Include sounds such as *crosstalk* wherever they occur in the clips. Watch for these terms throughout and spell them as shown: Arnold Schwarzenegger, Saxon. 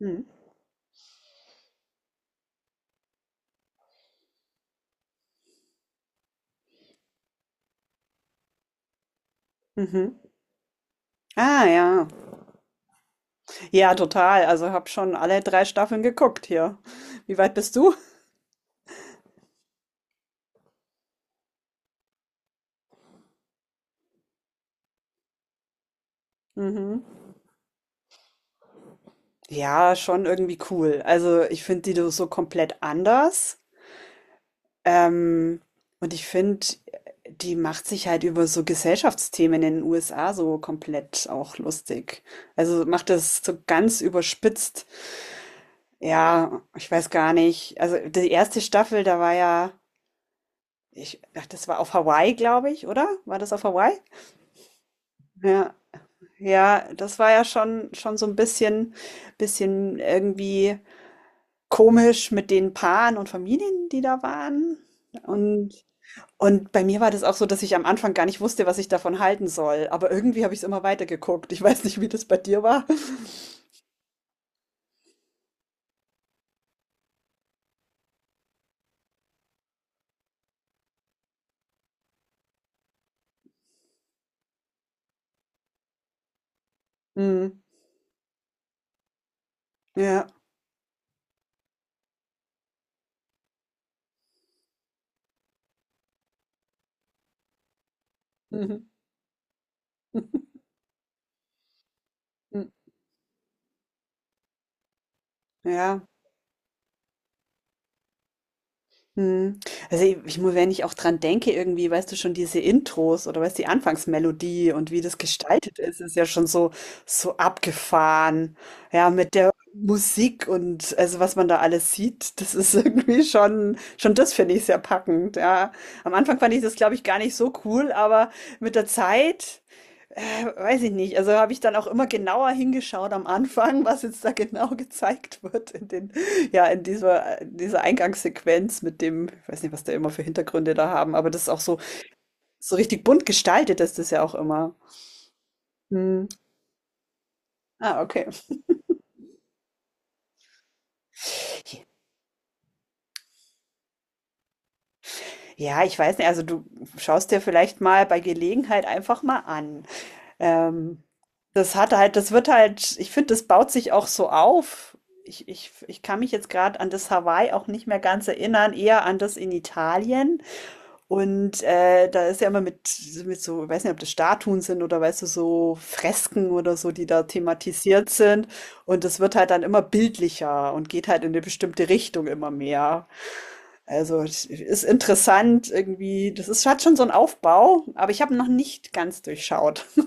Mhm. Mhm. Ah, ja. Ja, total. Also habe schon alle drei Staffeln geguckt hier. Wie weit bist du? Mhm. Ja, schon irgendwie cool. Also ich finde die so komplett anders. Ähm, und ich finde, die macht sich halt über so Gesellschaftsthemen in den USA so komplett auch lustig. Also macht das so ganz überspitzt. Ja, ich weiß gar nicht. Also die erste Staffel, da war ja, das war auf Hawaii, glaube ich, oder? War das auf Hawaii? Ja, ja, das war ja schon so ein bisschen irgendwie komisch mit den Paaren und Familien, die da waren. Und und bei mir war das auch so, dass ich am Anfang gar nicht wusste, was ich davon halten soll, aber irgendwie habe ich's immer weitergeguckt. Ich weiß nicht, wie das bei dir war. *laughs* Mhm. Ja. Mhm. Hm. Ja. Mhm. Also i ich muss, wenn ich auch dran denke, irgendwie, weißt du, schon diese Intros oder, weißt du, die Anfangsmelodie und wie das gestaltet ist, ist ja schon so so abgefahren. Ja, mit der Musik und also, was man da alles sieht, das ist *laughs* irgendwie schon, das finde ich sehr packend, ja. Am Anfang fand ich das, glaube ich, gar nicht so cool, aber mit der Zeit, weiß ich nicht. Also habe ich dann auch immer genauer hingeschaut am Anfang, *laughs* was jetzt da genau gezeigt wird in den, ja, in dieser Eingangssequenz mit dem, ich weiß nicht, was da immer für Hintergründe da haben, aber das ist auch so, so richtig bunt gestaltet ist das ja auch immer. Hm. Ah, okay. Ja, ich weiß nicht, also du schaust dir vielleicht mal bei Gelegenheit einfach mal an. Ähm, das hat halt, das wird halt, ich finde, das baut sich auch so auf. Ich kann mich jetzt gerade an das Hawaii auch nicht mehr ganz erinnern, eher an das in Italien. Und da ist ja immer mit so, ich weiß nicht, ob das Statuen sind oder, weißt du, so Fresken oder so, die da thematisiert sind. Und das wird halt dann immer bildlicher und geht halt in eine bestimmte Richtung immer mehr. Also es ist interessant irgendwie, das ist, hat schon so einen Aufbau, aber ich habe noch nicht ganz durchschaut. *laughs*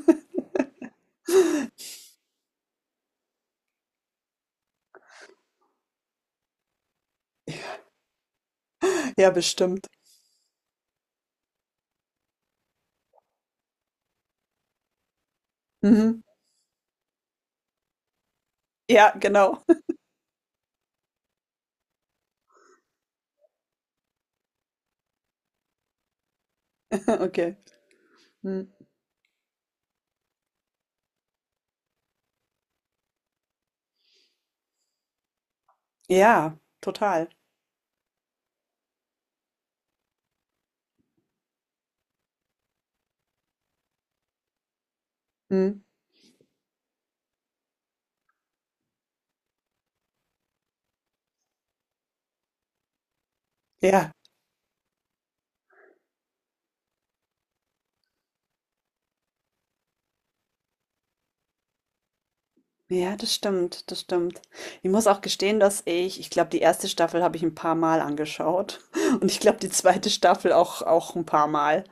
Ja, bestimmt. Mhm. Ja, genau. *laughs* Okay. Mhm. Ja, total. Mhm. Ja. Ja, das stimmt, das stimmt. Ich muss auch gestehen, dass ich glaube, die erste Staffel habe ich ein paar Mal angeschaut *laughs* und ich glaube, die zweite Staffel auch, auch ein paar Mal.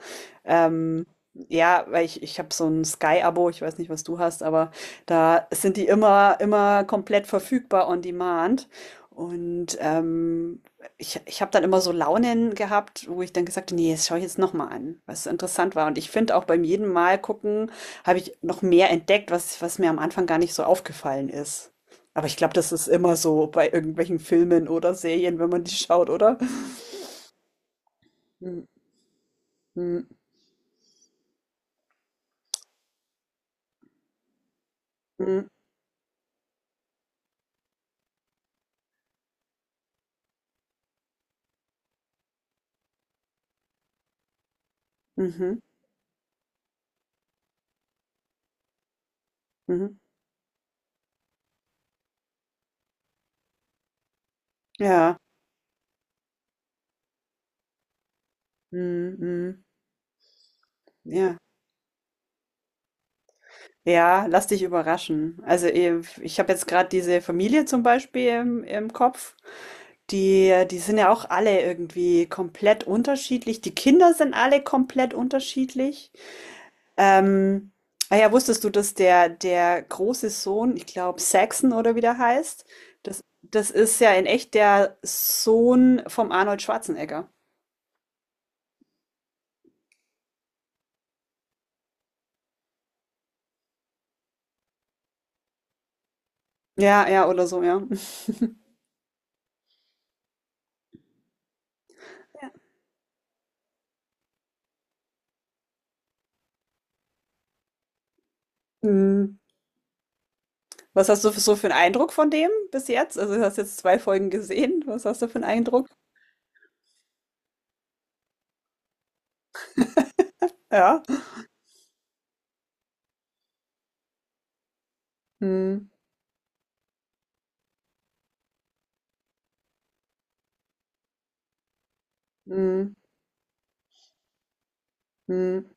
Ähm, ja, weil ich habe so ein Sky-Abo, ich weiß nicht, was du hast, aber da sind die immer, immer komplett verfügbar on demand. Und ich, ich habe dann immer so Launen gehabt, wo ich dann gesagt habe, nee, das schaue ich jetzt nochmal an, was interessant war. Und ich finde auch beim jeden Mal gucken, habe ich noch mehr entdeckt, was was mir am Anfang gar nicht so aufgefallen ist. Aber ich glaube, das ist immer so bei irgendwelchen Filmen oder Serien, wenn man die schaut, oder? Mhm, mhm, mhm, mhm, mhm. Ja. Mhm, mhm. Ja. Ja, lass dich überraschen. Also, ich habe jetzt gerade diese Familie zum Beispiel im im Kopf. Die die sind ja auch alle irgendwie komplett unterschiedlich. Die Kinder sind alle komplett unterschiedlich. Ähm, ah ja, wusstest du, dass der, der große Sohn, ich glaube Saxon oder wie der heißt, das, das ist ja in echt der Sohn vom Arnold Schwarzenegger. Ja, ja, oder so, ja. *laughs* Mhm. Was hast du für, so für einen Eindruck von dem bis jetzt? Also, du hast jetzt zwei Folgen gesehen. Was hast du für einen Eindruck? Ja. Mhm. Mhm. Mhm.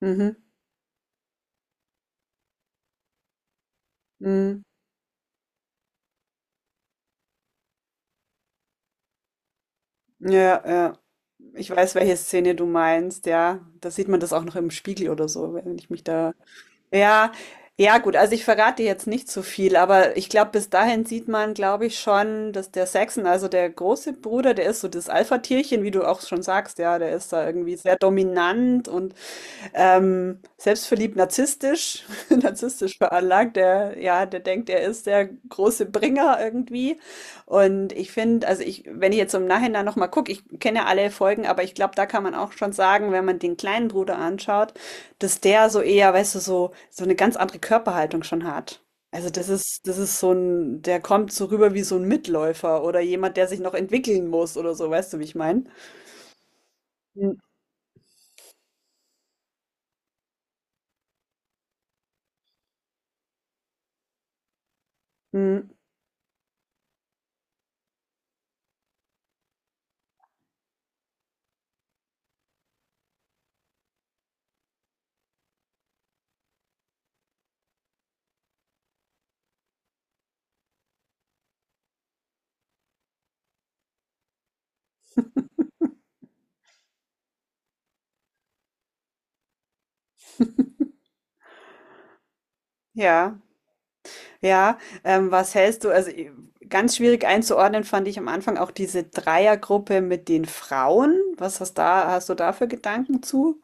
Mhm. Mhm. Ja, ja. Ich weiß, welche Szene du meinst, ja. Da sieht man das auch noch im Spiegel oder so, wenn ich mich da. Ja, ja gut, also ich verrate jetzt nicht so viel, aber ich glaube, bis dahin sieht man, glaube ich, schon, dass der Saxon, also der große Bruder, der ist so das Alpha-Tierchen, wie du auch schon sagst, ja, der ist da irgendwie sehr dominant und selbstverliebt, narzisstisch, *laughs* narzisstisch veranlagt, der, ja, der denkt, er ist der große Bringer irgendwie. Und ich finde, also ich, wenn ich jetzt im Nachhinein nochmal gucke, ich kenne ja alle Folgen, aber ich glaube, da kann man auch schon sagen, wenn man den kleinen Bruder anschaut, dass der so eher, weißt du, so, so eine ganz andere Körperhaltung schon hat. Also das ist so ein, der kommt so rüber wie so ein Mitläufer oder jemand, der sich noch entwickeln muss oder so, weißt du, wie ich meine? Mhm. Ja. Ja, was hältst du? Also ganz schwierig einzuordnen fand ich am Anfang auch diese Dreiergruppe mit den Frauen. Was hast da, hast du da für Gedanken zu?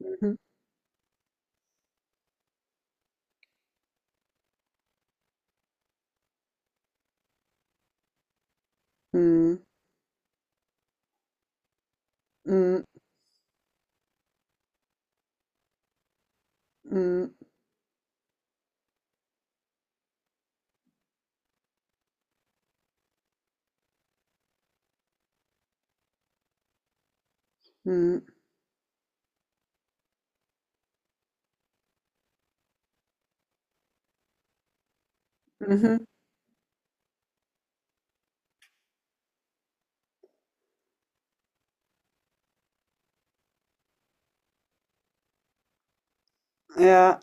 Mhm. Mhm. Mhm. Mhm. Mhm. Mhm. Ja,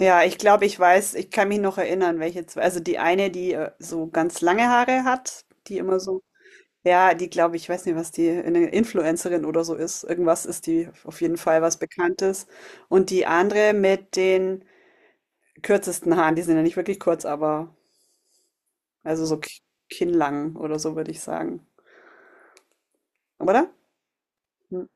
ja, ich glaube, ich weiß, ich kann mich noch erinnern, welche zwei. Also die eine, die so ganz lange Haare hat, die immer so, ja, die glaube ich, weiß nicht, was die, eine Influencerin oder so ist. Irgendwas ist die auf jeden Fall was Bekanntes. Und die andere mit den kürzesten Haaren, die sind ja nicht wirklich kurz, aber also so kinnlang oder so würde ich sagen. Oder? Hm.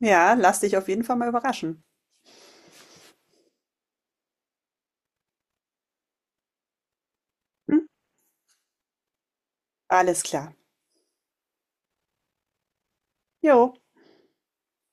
Ja, lass dich auf jeden Fall mal überraschen. Hm? Alles klar. Jo.